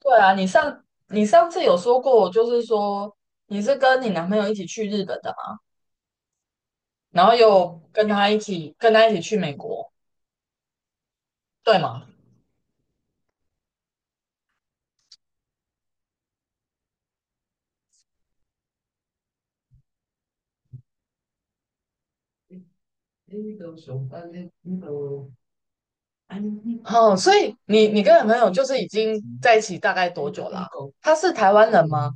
对啊，你上你上次有说过，就是说你是跟你男朋友一起去日本的嘛，然后又跟他一起去美国，对吗？哦，所以你跟男朋友就是已经在一起大概多久啦？他是台湾人吗？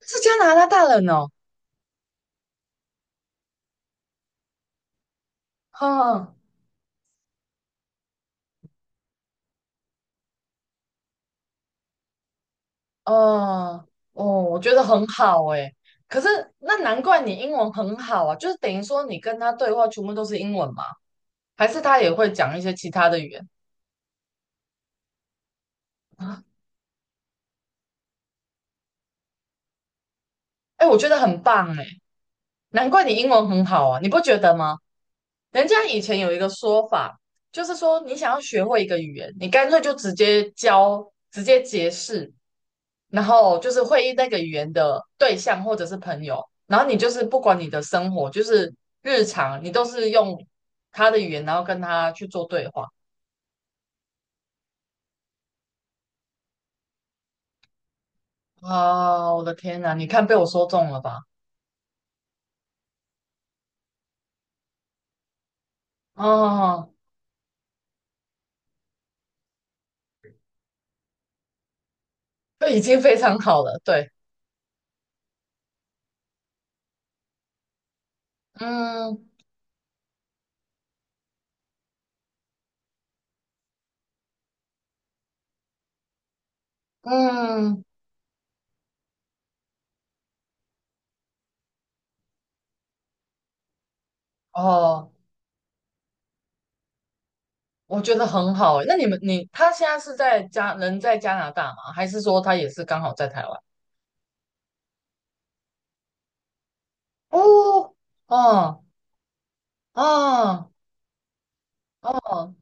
是加拿大大人哦。哈，哦哦，我觉得很好诶。可是那难怪你英文很好啊，就是等于说你跟他对话全部都是英文嘛？还是他也会讲一些其他的语言？哎，我觉得很棒诶。难怪你英文很好啊，你不觉得吗？人家以前有一个说法，就是说你想要学会一个语言，你干脆就直接教，直接解释，然后就是会议那个语言的对象或者是朋友，然后你就是不管你的生活，就是日常，你都是用他的语言，然后跟他去做对话。啊，我的天呐，你看被我说中了吧？哦，这已经非常好了，对，嗯嗯。哦，我觉得很好欸。那你们，你他现在是在加，人在加拿大吗？还是说他也是刚好在台湾？哦，哦，哦，哦，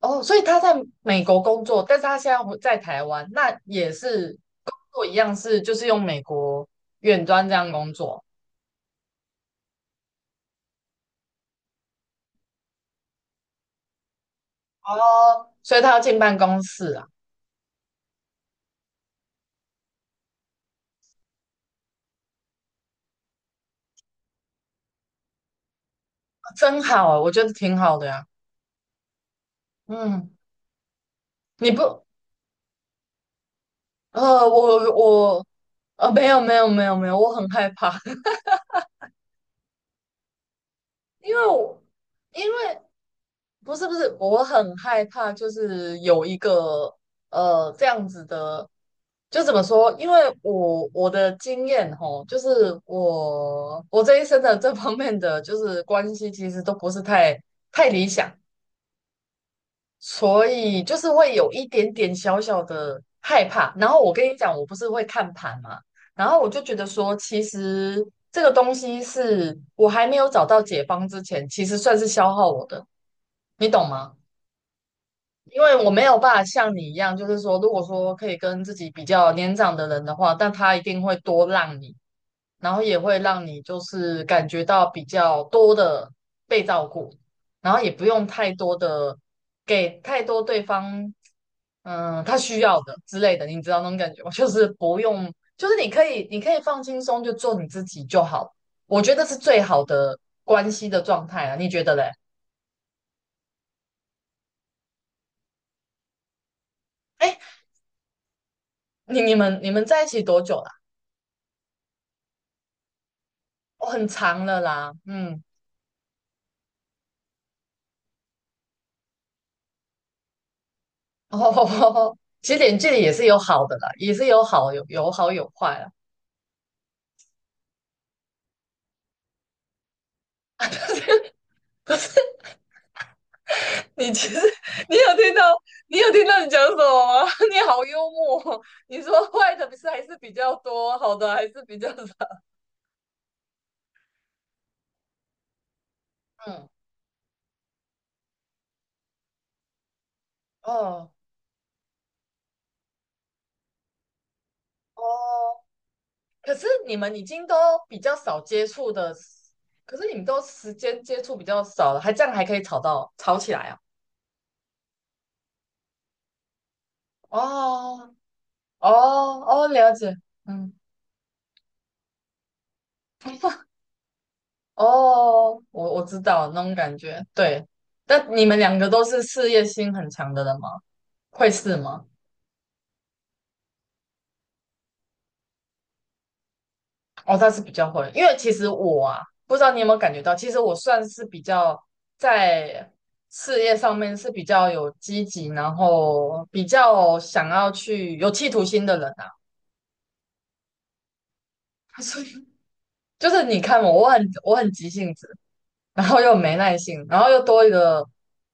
哦，所以他在美国工作，但是他现在回在台湾，那也是工作一样是就是用美国远端这样工作。哦，所以他要进办公室啊。真好啊，我觉得挺好的呀。嗯，你不，呃，我我没有，没有，没有，没有，我很害怕。因为我。因为不是，我很害怕，就是有一个这样子的，就怎么说？因为我的经验吼，就是我这一生的这方面的就是关系，其实都不是太理想，所以就是会有一点点小小的害怕。然后我跟你讲，我不是会看盘嘛，然后我就觉得说，其实这个东西是我还没有找到解方之前，其实算是消耗我的，你懂吗？因为我没有办法像你一样，就是说，如果说可以跟自己比较年长的人的话，但他一定会多让你，然后也会让你就是感觉到比较多的被照顾，然后也不用太多的给太多对方，嗯，他需要的之类的，你知道那种感觉吗？就是不用，就是你可以，你可以放轻松，就做你自己就好，我觉得是最好的关系的状态啊，你觉得嘞？哎，你们你们在一起多久了？哦，很长了啦，嗯。哦，其实远距离也是有好的啦，也是有好有坏啦。你其实 你有听到你有听到你讲什么吗？你好幽默哦，你说坏的不是还是比较多，好的还是比较少。嗯，哦哦，可是你们已经都比较少接触的，可是你们都时间接触比较少了，还这样还可以吵到吵起来啊？哦，哦，哦，了解，嗯。哦，我知道那种感觉，对。但你们两个都是事业心很强的人吗？会是吗？哦，他是比较会，因为其实我啊，不知道你有没有感觉到，其实我算是比较在事业上面是比较有积极，然后比较想要去有企图心的人啊。所以就是你看我，我很急性子，然后又没耐性，然后又多一个，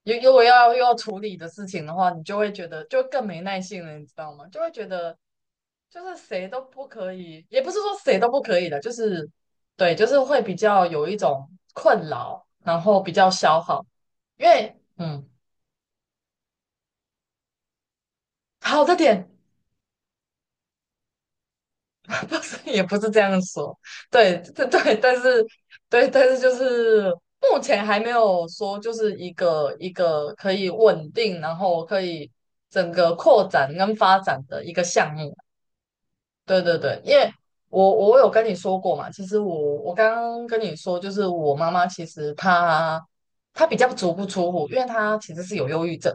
又要处理的事情的话，你就会觉得就更没耐性了，你知道吗？就会觉得就是谁都不可以，也不是说谁都不可以的，就是对，就是会比较有一种困扰，然后比较消耗，因为嗯，好的点。 也不是这样说，对，对，对，但是，对，但是就是目前还没有说，就是一个一个可以稳定，然后可以整个扩展跟发展的一个项目。对，对，对，因为我有跟你说过嘛，其实我刚刚跟你说，就是我妈妈其实她比较足不出户，因为她其实是有忧郁症。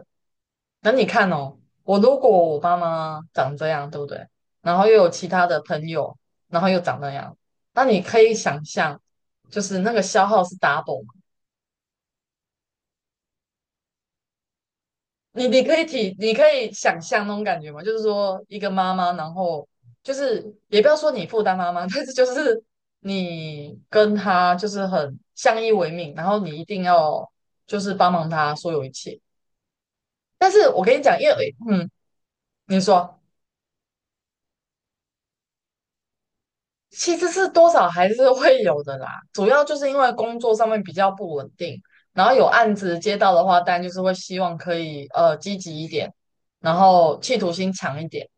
那你看哦，我如果我妈妈长这样，对不对？然后又有其他的朋友，然后又长那样，那你可以想象，就是那个消耗是 double 嘛？你可以想象那种感觉吗？就是说，一个妈妈，然后就是也不要说你负担妈妈，但是就是你跟她就是很相依为命，然后你一定要就是帮忙她所有一切。但是我跟你讲，因为嗯，你说。其实是多少还是会有的啦，主要就是因为工作上面比较不稳定，然后有案子接到的话，当然就是会希望可以积极一点，然后企图心强一点。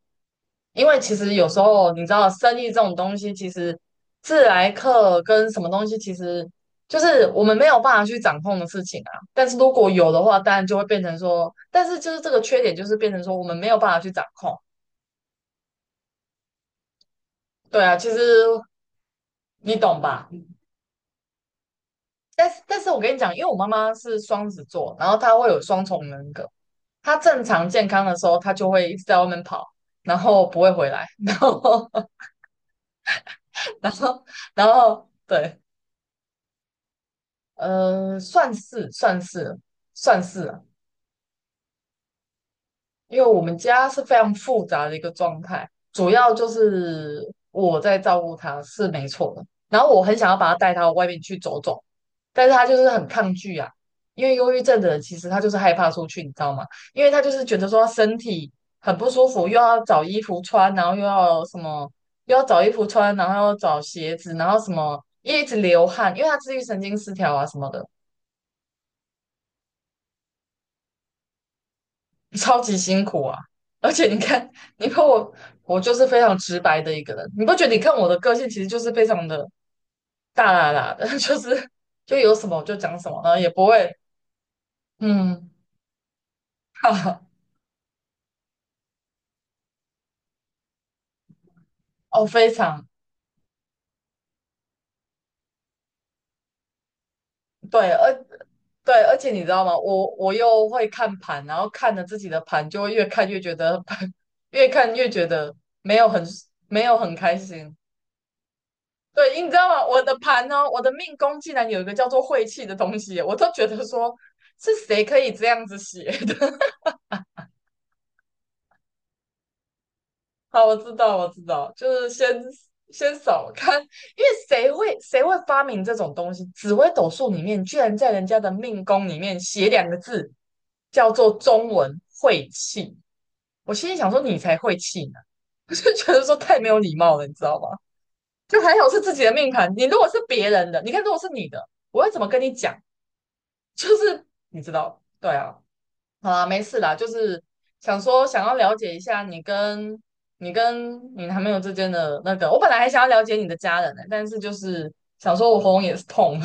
因为其实有时候你知道，生意这种东西，其实自来客跟什么东西，其实就是我们没有办法去掌控的事情啊。但是如果有的话，当然就会变成说，但是就是这个缺点就是变成说我们没有办法去掌控。对啊，其实你懂吧？但是我跟你讲，因为我妈妈是双子座，然后她会有双重人格。她正常健康的时候，她就会一直在外面跑，然后不会回来，然后，然后，对，呃，算是，算是因为我们家是非常复杂的一个状态，主要就是我在照顾他是没错的，然后我很想要把他带到外面去走走，但是他就是很抗拒啊，因为忧郁症的人其实他就是害怕出去，你知道吗？因为他就是觉得说他身体很不舒服，又要找衣服穿，然后又要什么，又要找衣服穿，然后又要找鞋子，然后什么，一直流汗，因为他自律神经失调啊什么的。超级辛苦啊！而且你看，你看我，我就是非常直白的一个人，你不觉得？你看我的个性其实就是非常的大啦啦的，就是就有什么我就讲什么，然后也不会，嗯，哈哈，哦，非常对。而对，而且你知道吗？我又会看盘，然后看着自己的盘，就会越看越觉得 越看越觉得没有很没有很开心，对，你知道吗？我的盘呢，我的命宫竟然有一个叫做晦气的东西，我都觉得说是谁可以这样子写的？好，我知道，我知道，就是先扫看，因为谁会发明这种东西？紫微斗数里面居然在人家的命宫里面写两个字，叫做中文晦气。我心里想说，你才晦气呢，我就觉得说太没有礼貌了，你知道吗？就还好是自己的命盘，你如果是别人的，你看如果是你的，我要怎么跟你讲？就是你知道，对啊，好啊，没事啦，就是想说想要了解一下你跟你男朋友之间的那个，我本来还想要了解你的家人呢，但是就是想说我喉咙也是痛。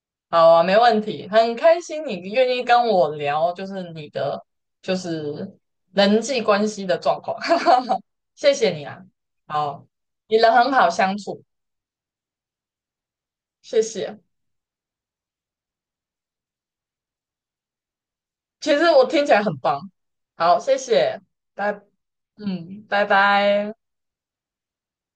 好啊，没问题，很开心你愿意跟我聊，就是就是人际关系的状况。谢谢你啊，好，你人很好相处，谢谢。其实我听起来很棒。好，谢谢，拜，嗯，拜拜。